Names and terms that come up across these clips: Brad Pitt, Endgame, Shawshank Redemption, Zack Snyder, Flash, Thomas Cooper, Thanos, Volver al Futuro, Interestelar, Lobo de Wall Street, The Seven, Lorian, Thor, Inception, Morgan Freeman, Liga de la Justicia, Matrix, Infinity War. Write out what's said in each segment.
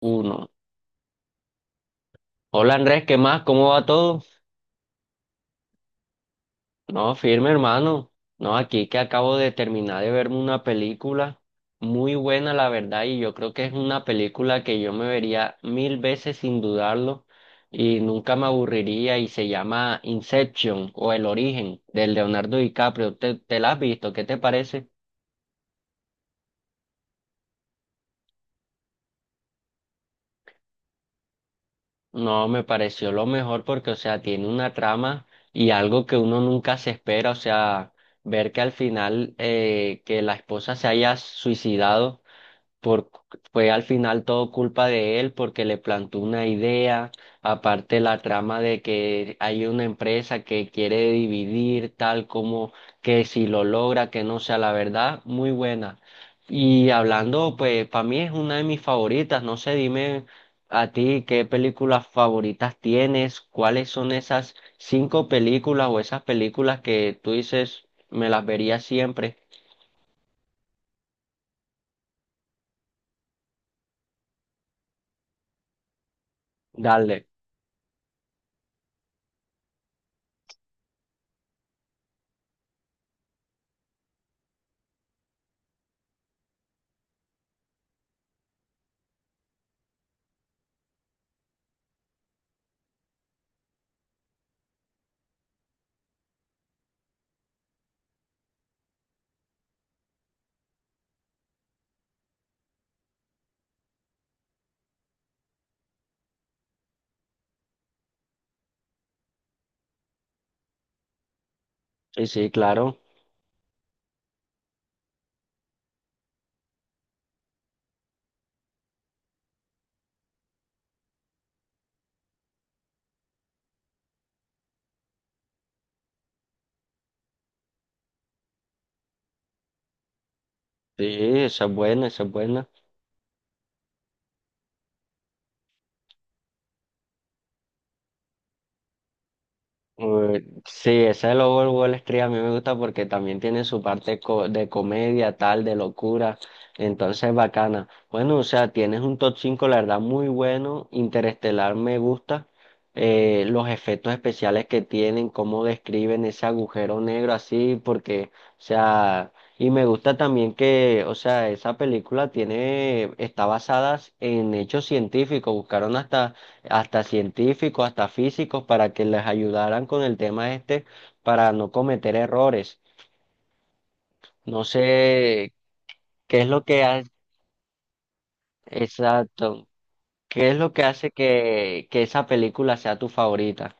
Uno. Hola Andrés, ¿qué más? ¿Cómo va todo? No, firme hermano. No, aquí que acabo de terminar de verme una película muy buena, la verdad, y yo creo que es una película que yo me vería mil veces sin dudarlo y nunca me aburriría y se llama Inception o El Origen del Leonardo DiCaprio. ¿Te la has visto? ¿Qué te parece? No, me pareció lo mejor porque, o sea, tiene una trama y algo que uno nunca se espera, o sea, ver que al final que la esposa se haya suicidado por, fue al final todo culpa de él porque le plantó una idea, aparte la trama de que hay una empresa que quiere dividir tal como que si lo logra, que no sea la verdad, muy buena. Y hablando, pues para mí es una de mis favoritas, no sé, dime a ti qué películas favoritas tienes, cuáles son esas cinco películas o esas películas que tú dices me las vería siempre. Dale. Sí, sí, claro. Sí, esa es buena, esa es buena. Sí, esa de Lobo de Wall Street a mí me gusta porque también tiene su parte co- de comedia, tal, de locura. Entonces, bacana. Bueno, o sea, tienes un top 5, la verdad, muy bueno. Interestelar me gusta. Los efectos especiales que tienen, cómo describen ese agujero negro así, porque, o sea, y me gusta también que, o sea, esa película tiene, está basada en hechos científicos. Buscaron hasta científicos, hasta físicos, para que les ayudaran con el tema este, para no cometer errores. No sé qué es lo que ha- exacto, qué es lo que hace que esa película sea tu favorita.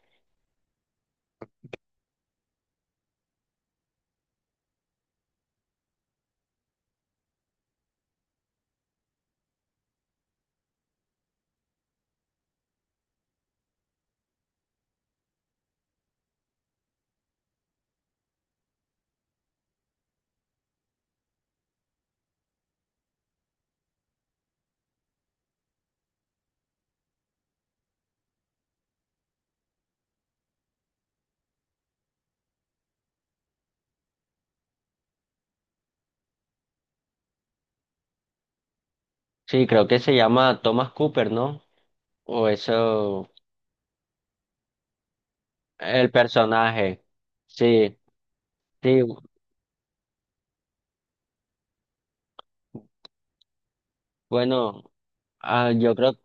Sí, creo que se llama Thomas Cooper, ¿no? O eso, el personaje. Sí, sí, bueno, ah, yo creo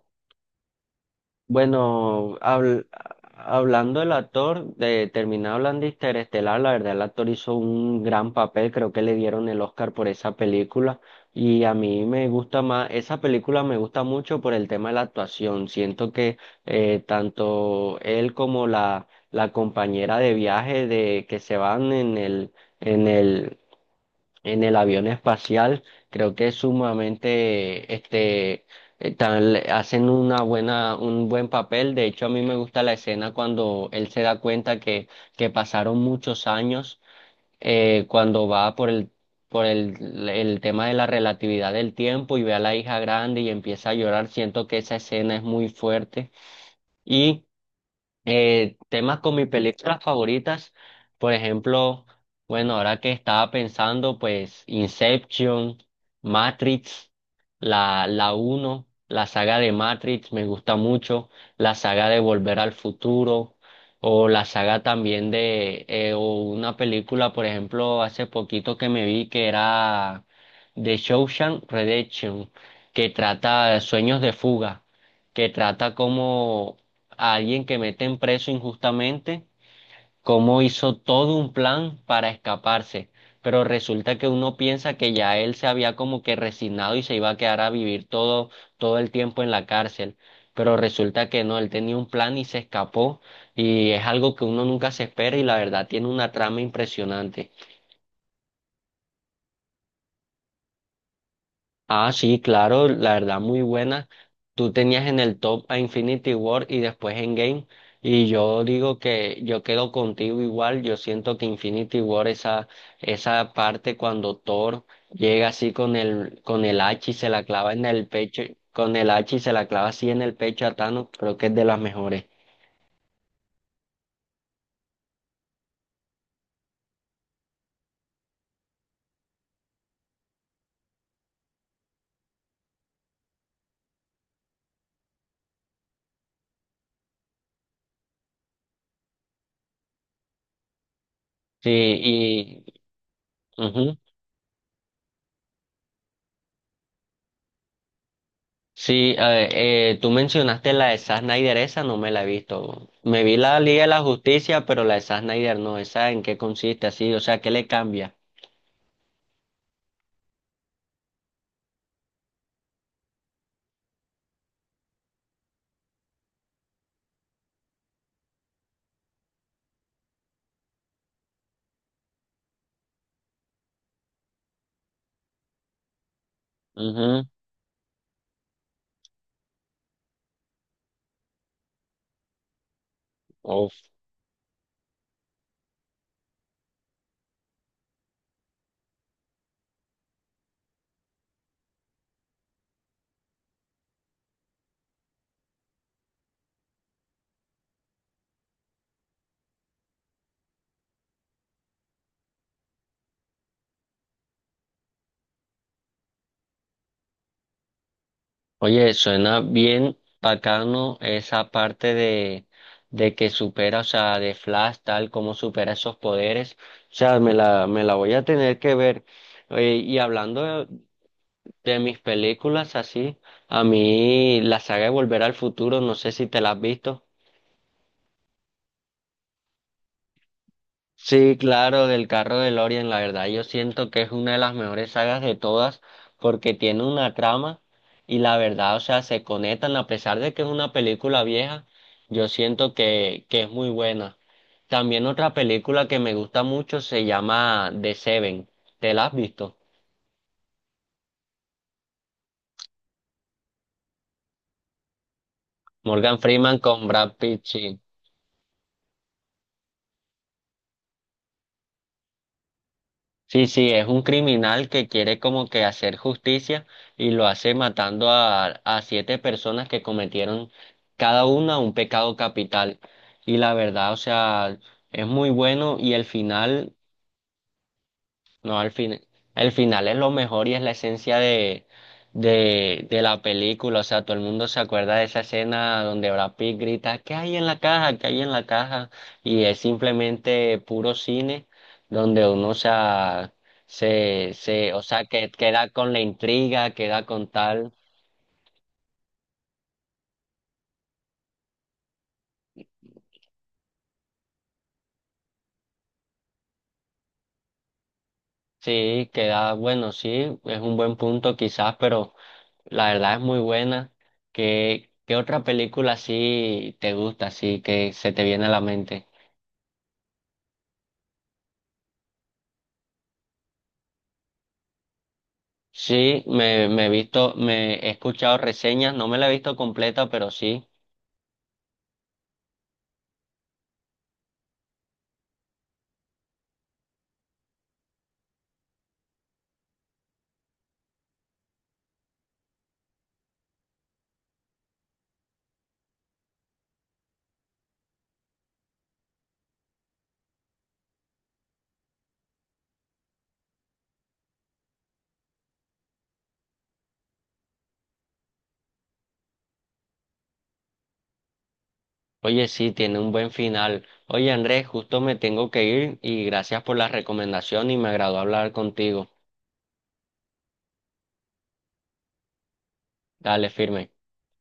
bueno, hablando del actor, de terminado hablando de Interestelar, la verdad el actor hizo un gran papel, creo que le dieron el Oscar por esa película y a mí me gusta más, esa película me gusta mucho por el tema de la actuación, siento que tanto él como la compañera de viaje de que se van en el, en el avión espacial, creo que es sumamente, hacen una buena, un buen papel. De hecho, a mí me gusta la escena cuando él se da cuenta que pasaron muchos años, cuando va por el tema de la relatividad del tiempo y ve a la hija grande y empieza a llorar. Siento que esa escena es muy fuerte. Y temas con mis películas favoritas, por ejemplo, bueno, ahora que estaba pensando, pues Inception, Matrix, la uno, la saga de Matrix me gusta mucho, la saga de Volver al Futuro, o la saga también o una película, por ejemplo, hace poquito que me vi que era de Shawshank Redemption, que trata de sueños de fuga que trata como a alguien que meten preso injustamente, cómo hizo todo un plan para escaparse. Pero resulta que uno piensa que ya él se había como que resignado y se iba a quedar a vivir todo el tiempo en la cárcel. Pero resulta que no, él tenía un plan y se escapó. Y es algo que uno nunca se espera y la verdad tiene una trama impresionante. Ah, sí, claro, la verdad muy buena. Tú tenías en el top a Infinity War y después Endgame. Y yo digo que yo quedo contigo igual. Yo siento que Infinity War, esa parte cuando Thor llega así con el hacha y se la clava en el pecho, con el hacha y se la clava así en el pecho a Thanos, creo que es de las mejores. Sí, y ujú. Sí, tú mencionaste la de Zack Snyder, esa no me la he visto. Me vi la Liga de la Justicia, pero la de Zack Snyder no, esa en qué consiste así, o sea, ¿qué le cambia? Ujú, uf. Oye, suena bien bacano esa parte de que supera, o sea, de Flash, tal, como supera esos poderes. O sea, me la voy a tener que ver. Oye, y hablando de mis películas así, a mí la saga de Volver al Futuro, no sé si te la has visto. Sí, claro, del carro de Lorian, la verdad yo siento que es una de las mejores sagas de todas porque tiene una trama y la verdad, o sea, se conectan a pesar de que es una película vieja, yo siento que es muy buena. También otra película que me gusta mucho se llama The Seven, ¿te la has visto? Morgan Freeman con Brad Pitt, sí. Sí, sí, es un criminal que quiere como que hacer justicia y lo hace matando a siete personas que cometieron cada una un pecado capital. Y la verdad, o sea, es muy bueno y el final no, al fin, el final es lo mejor y es la esencia de la película. O sea, todo el mundo se acuerda de esa escena donde Brad Pitt grita, ¿qué hay en la caja? ¿Qué hay en la caja? Y es simplemente puro cine donde uno o sea, o sea, que queda con la intriga, queda con tal. Sí, queda, bueno, sí, es un buen punto quizás, pero la verdad es muy buena. ¿Qué otra película sí te gusta, sí, que se te viene a la mente? Sí, me he escuchado reseñas, no me la he visto completa, pero sí. Oye, sí, tiene un buen final. Oye, Andrés, justo me tengo que ir y gracias por la recomendación y me agradó hablar contigo. Dale, firme.